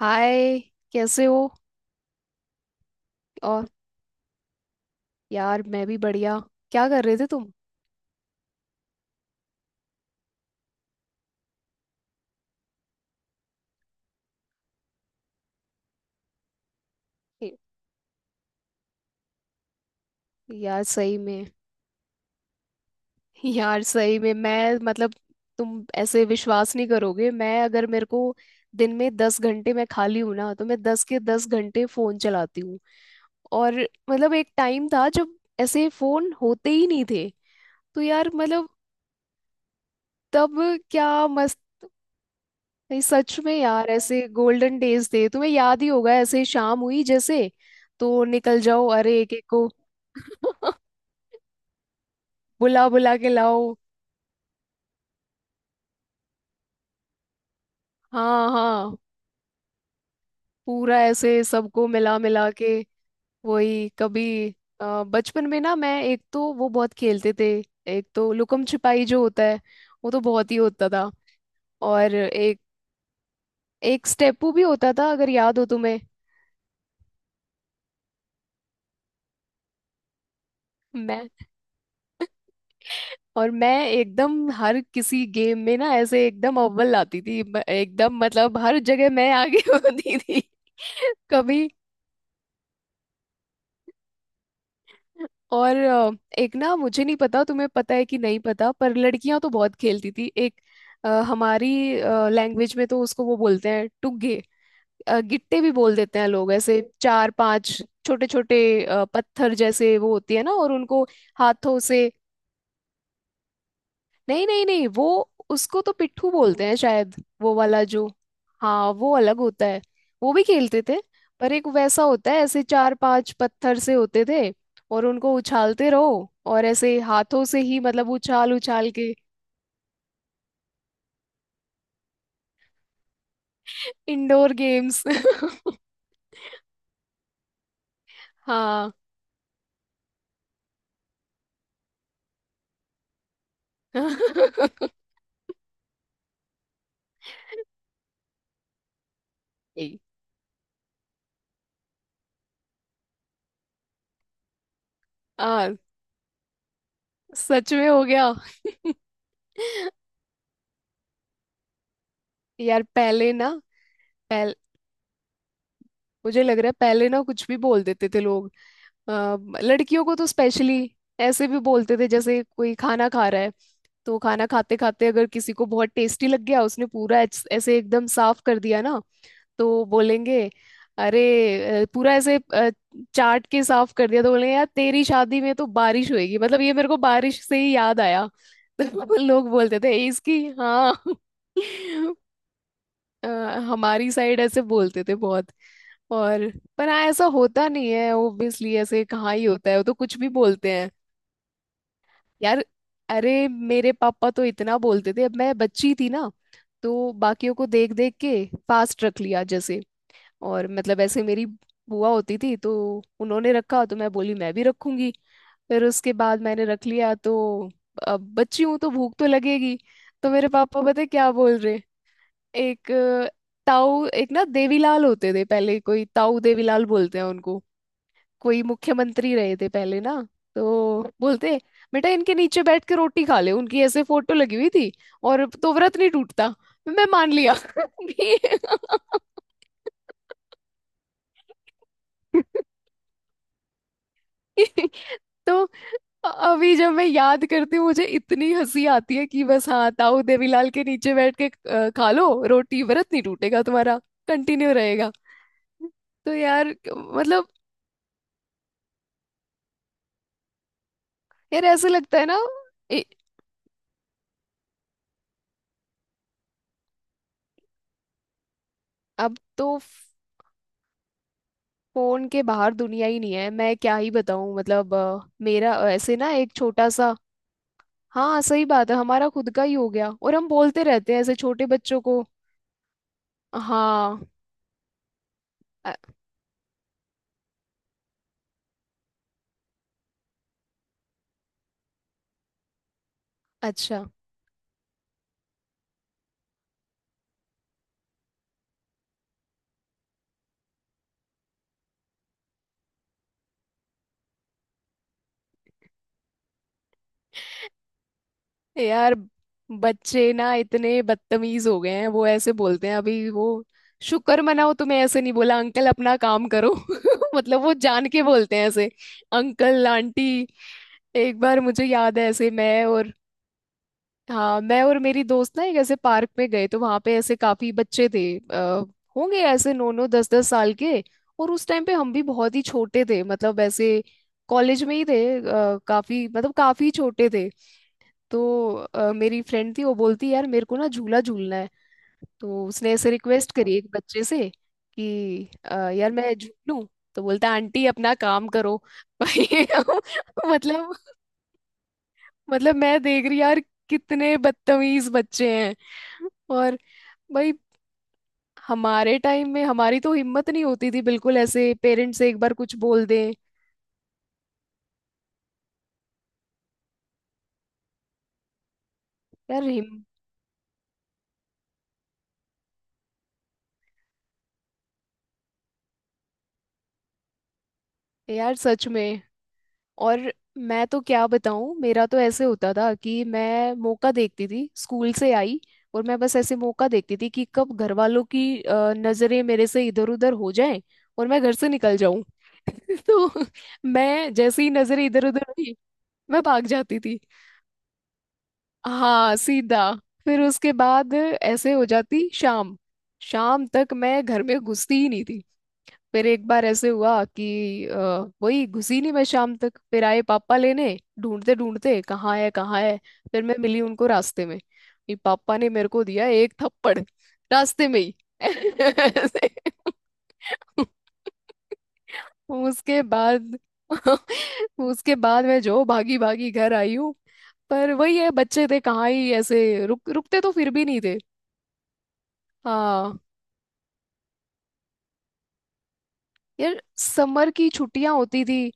हाय, कैसे हो। और यार मैं भी बढ़िया। क्या कर रहे थे तुम। ए- यार सही में। यार सही में मैं मतलब तुम ऐसे विश्वास नहीं करोगे मैं, अगर मेरे को दिन में 10 घंटे मैं खाली हूं ना तो मैं 10 के 10 घंटे फोन चलाती हूँ। और मतलब एक टाइम था जब ऐसे फोन होते ही नहीं थे। तो यार मतलब तब क्या मस्त। नहीं, सच में यार ऐसे गोल्डन डेज थे, तुम्हें याद ही होगा, ऐसे शाम हुई जैसे तो निकल जाओ अरे एक एक को बुला बुला के लाओ। हाँ हाँ, पूरा ऐसे सबको मिला मिला के वही कभी। बचपन में ना मैं एक तो वो बहुत खेलते थे। एक तो लुकम छिपाई जो होता है वो तो बहुत ही होता था। और एक एक स्टेपू भी होता था अगर याद हो तुम्हें। मैं और मैं एकदम हर किसी गेम में ना ऐसे एकदम अव्वल आती थी, एकदम मतलब हर जगह मैं आगे होती थी कभी। और एक ना, मुझे नहीं पता तुम्हें पता है कि नहीं पता, पर लड़कियां तो बहुत खेलती थी एक। हमारी लैंग्वेज में तो उसको वो बोलते हैं टुगे। गिट्टे भी बोल देते हैं लोग, ऐसे चार पांच छोटे छोटे पत्थर जैसे वो होती है ना, और उनको हाथों से। नहीं नहीं नहीं, वो उसको तो पिट्ठू बोलते हैं शायद, वो वाला जो। हाँ वो अलग होता है, वो भी खेलते थे। पर एक वैसा होता है ऐसे चार पांच पत्थर से होते थे। और उनको उछालते रहो और ऐसे हाथों से ही मतलब उछाल उछाल के। Indoor games. हाँ यही। आ, सच में हो गया। यार पहले ना, पहले मुझे लग रहा है पहले ना कुछ भी बोल देते थे लोग। अ, लड़कियों को तो स्पेशली ऐसे भी बोलते थे। जैसे कोई खाना खा रहा है तो खाना खाते खाते अगर किसी को बहुत टेस्टी लग गया, उसने पूरा ऐसे एकदम साफ कर दिया ना, तो बोलेंगे अरे पूरा ऐसे चाट के साफ कर दिया, तो बोलेंगे यार तेरी शादी में तो बारिश होएगी। मतलब ये मेरे को बारिश से ही याद आया। तो लोग बोलते थे "ए, इसकी"। हाँ। अ, हमारी साइड ऐसे बोलते थे बहुत। और पर हाँ ऐसा होता नहीं है ओब्वियसली, ऐसे कहाँ ही होता है, वो तो कुछ भी बोलते हैं यार। अरे, मेरे पापा तो इतना बोलते थे। अब मैं बच्ची थी ना, तो बाकियों को देख देख के फास्ट रख लिया जैसे। और मतलब ऐसे मेरी बुआ होती थी, तो उन्होंने रखा तो मैं बोली मैं भी रखूंगी। फिर उसके बाद मैंने रख लिया तो अब बच्ची हूँ तो भूख तो लगेगी। तो मेरे पापा पता है क्या बोल रहे। एक ताऊ एक ना देवीलाल होते थे पहले, कोई ताऊ देवीलाल बोलते हैं उनको, कोई मुख्यमंत्री रहे थे पहले ना। तो बोलते बेटा इनके नीचे बैठ के रोटी खा ले। उनकी ऐसे फोटो लगी हुई थी। और तो व्रत नहीं टूटता। मैं मान लिया। भी- तो अभी जब मैं याद करती हूँ मुझे इतनी हंसी आती है कि बस, हाँ ताऊ देवीलाल के नीचे बैठ के खा लो रोटी, व्रत नहीं टूटेगा तुम्हारा, कंटिन्यू रहेगा। तो यार मतलब यार ऐसे लगता है ना। ए, अब तो फोन के बाहर दुनिया ही नहीं है। मैं क्या ही बताऊं, मतलब मेरा ऐसे ना एक छोटा सा। हाँ सही बात है हमारा खुद का ही हो गया, और हम बोलते रहते हैं ऐसे छोटे बच्चों को। हाँ, अ- अच्छा। यार बच्चे ना इतने बदतमीज हो गए हैं, वो ऐसे बोलते हैं अभी वो। शुक्र मनाओ तुम्हें ऐसे नहीं बोला अंकल अपना काम करो। मतलब वो जान के बोलते हैं ऐसे अंकल आंटी। एक बार मुझे याद है, ऐसे मैं और, हाँ मैं और मेरी दोस्त ना एक ऐसे पार्क में गए, तो वहां पे ऐसे काफी बच्चे थे। आ, होंगे ऐसे नौ नौ दस दस साल के। और उस टाइम पे हम भी बहुत ही छोटे थे, मतलब ऐसे कॉलेज में ही थे। काफी मतलब काफी छोटे थे। तो मेरी फ्रेंड थी, वो बोलती यार मेरे को ना झूला झूलना है। तो उसने ऐसे रिक्वेस्ट करी एक बच्चे से कि यार मैं झूलूं"। तो बोलता आंटी अपना काम करो। भाई। मतलब, मतलब मैं देख रही यार कितने बदतमीज बच्चे हैं। और भाई हमारे टाइम में हमारी तो हिम्मत नहीं होती थी बिल्कुल ऐसे पेरेंट्स से एक बार कुछ बोल दें। यार हिम यार सच में। और मैं तो क्या बताऊं, मेरा तो ऐसे होता था कि मैं मौका देखती थी स्कूल से आई, और मैं बस ऐसे मौका देखती थी कि कब घर वालों की नजरें मेरे से इधर उधर हो जाएं और मैं घर से निकल जाऊं। तो मैं जैसे ही नजरें इधर उधर हुई, मैं भाग जाती थी। हाँ सीधा। फिर उसके बाद ऐसे हो जाती शाम, शाम तक मैं घर में घुसती ही नहीं थी। फिर एक बार ऐसे हुआ कि वही घुसी नहीं मैं शाम तक, फिर आए पापा लेने, ढूंढते ढूंढते, कहाँ है कहाँ है। फिर मैं मिली उनको रास्ते में। ये पापा ने मेरे को दिया एक थप्पड़, रास्ते में ही। ऐसे। उसके बाद, उसके बाद मैं जो भागी भागी घर आई हूँ। पर वही है बच्चे थे, कहाँ ही ऐसे रुक रुकते तो फिर भी नहीं थे। हाँ यार समर की छुट्टियां होती थी,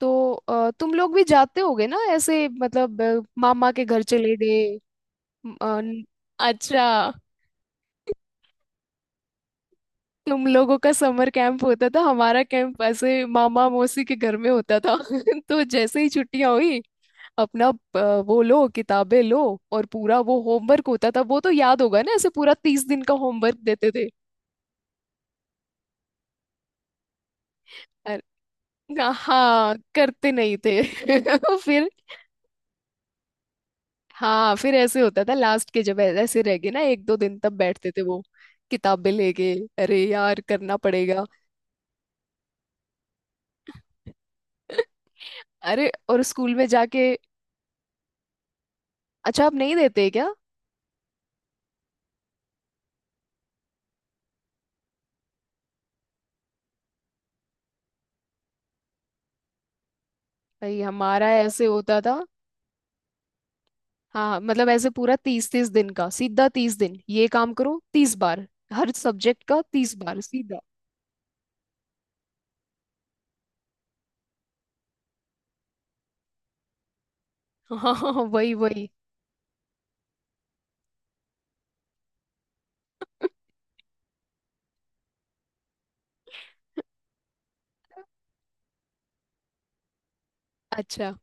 तो तुम लोग भी जाते होगे ना ऐसे मतलब मामा के घर चले गए। म, अ, न- अच्छा, तुम लोगों का समर कैंप होता था, हमारा कैंप ऐसे मामा मौसी के घर में होता था। तो जैसे ही छुट्टियां हुई, अपना वो लो किताबें लो। और पूरा वो होमवर्क होता था, वो तो याद होगा ना, ऐसे पूरा 30 दिन का होमवर्क देते थे। अरे, हाँ करते नहीं थे। फिर हाँ, फिर ऐसे होता था लास्ट के जब ऐसे रह गए ना एक दो दिन, तब बैठते थे वो किताबें लेके, अरे यार करना पड़ेगा। अरे और स्कूल में जाके। अच्छा आप नहीं देते क्या। भाई हमारा ऐसे होता था। हाँ मतलब ऐसे पूरा 30 30 दिन का सीधा, 30 दिन ये काम करो 30 बार, हर सब्जेक्ट का 30 बार सीधा। हाँ हाँ हाँ, वही वही। अच्छा,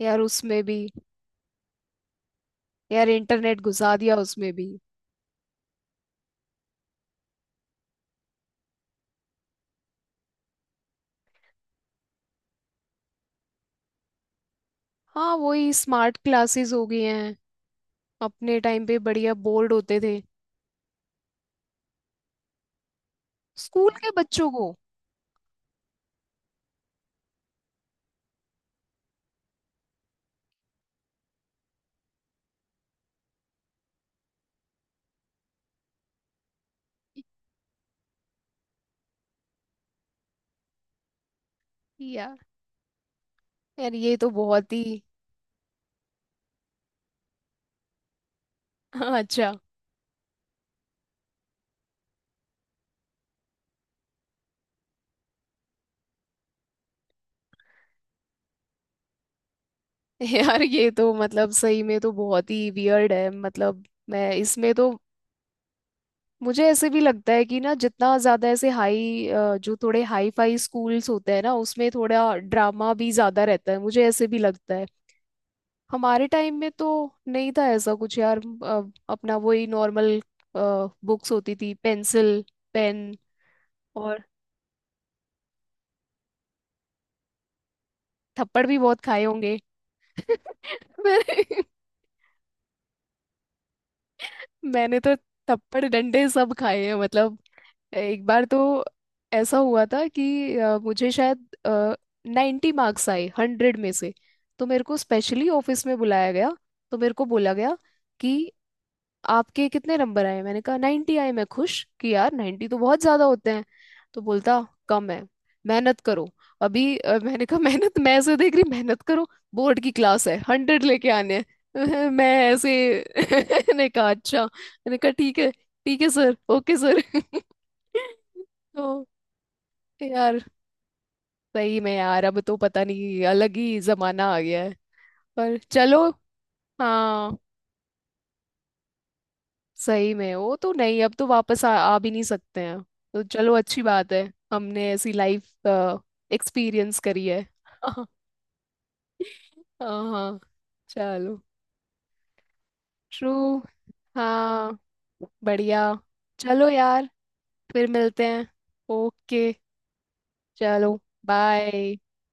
यार उसमें भी यार इंटरनेट घुसा दिया उसमें भी। हाँ वही स्मार्ट क्लासेस हो गई हैं। अपने टाइम पे बढ़िया बोर्ड होते थे। स्कूल के बच्चों को। या यार ये तो बहुत ही। अच्छा, यार ये तो मतलब सही में तो बहुत ही वियर्ड है, मतलब मैं इसमें तो, मुझे ऐसे भी लगता है कि ना जितना ज्यादा ऐसे हाई, जो थोड़े हाई फाई स्कूल्स होते हैं ना उसमें थोड़ा ड्रामा भी ज्यादा रहता है, मुझे ऐसे भी लगता है। हमारे टाइम में तो नहीं था ऐसा कुछ यार। अ, अपना वही नॉर्मल बुक्स होती थी, पेंसिल पेन। और थप्पड़ भी बहुत खाए होंगे। पर मैंने तो थप्पड़ डंडे सब खाए हैं, मतलब एक बार तो ऐसा हुआ था कि मुझे शायद 90 मार्क्स आए 100 में से। तो मेरे को स्पेशली ऑफिस में बुलाया गया। तो मेरे को बोला गया कि आपके कितने नंबर आए। मैंने कहा 90 आए, मैं खुश कि यार 90 तो बहुत ज्यादा होते हैं। तो बोलता कम है, मेहनत करो। अभी मैंने कहा मेहनत, मैं ऐसे देख रही मेहनत करो, बोर्ड की क्लास है 100 लेके आने हैं। मैं ऐसे ने कहा अच्छा, मैंने कहा ठीक है सर, ओके सर। तो यार सही में यार अब तो पता नहीं, अलग ही जमाना आ गया है। पर चलो। हाँ, सही में वो तो नहीं, अब तो वापस आ भी नहीं सकते हैं। तो चलो अच्छी बात है, हमने ऐसी लाइफ एक्सपीरियंस करी है। हाँ। हाँ। चलो। ट्रू। हाँ। बढ़िया। चलो यार फिर मिलते हैं। ओके, चलो। बाय।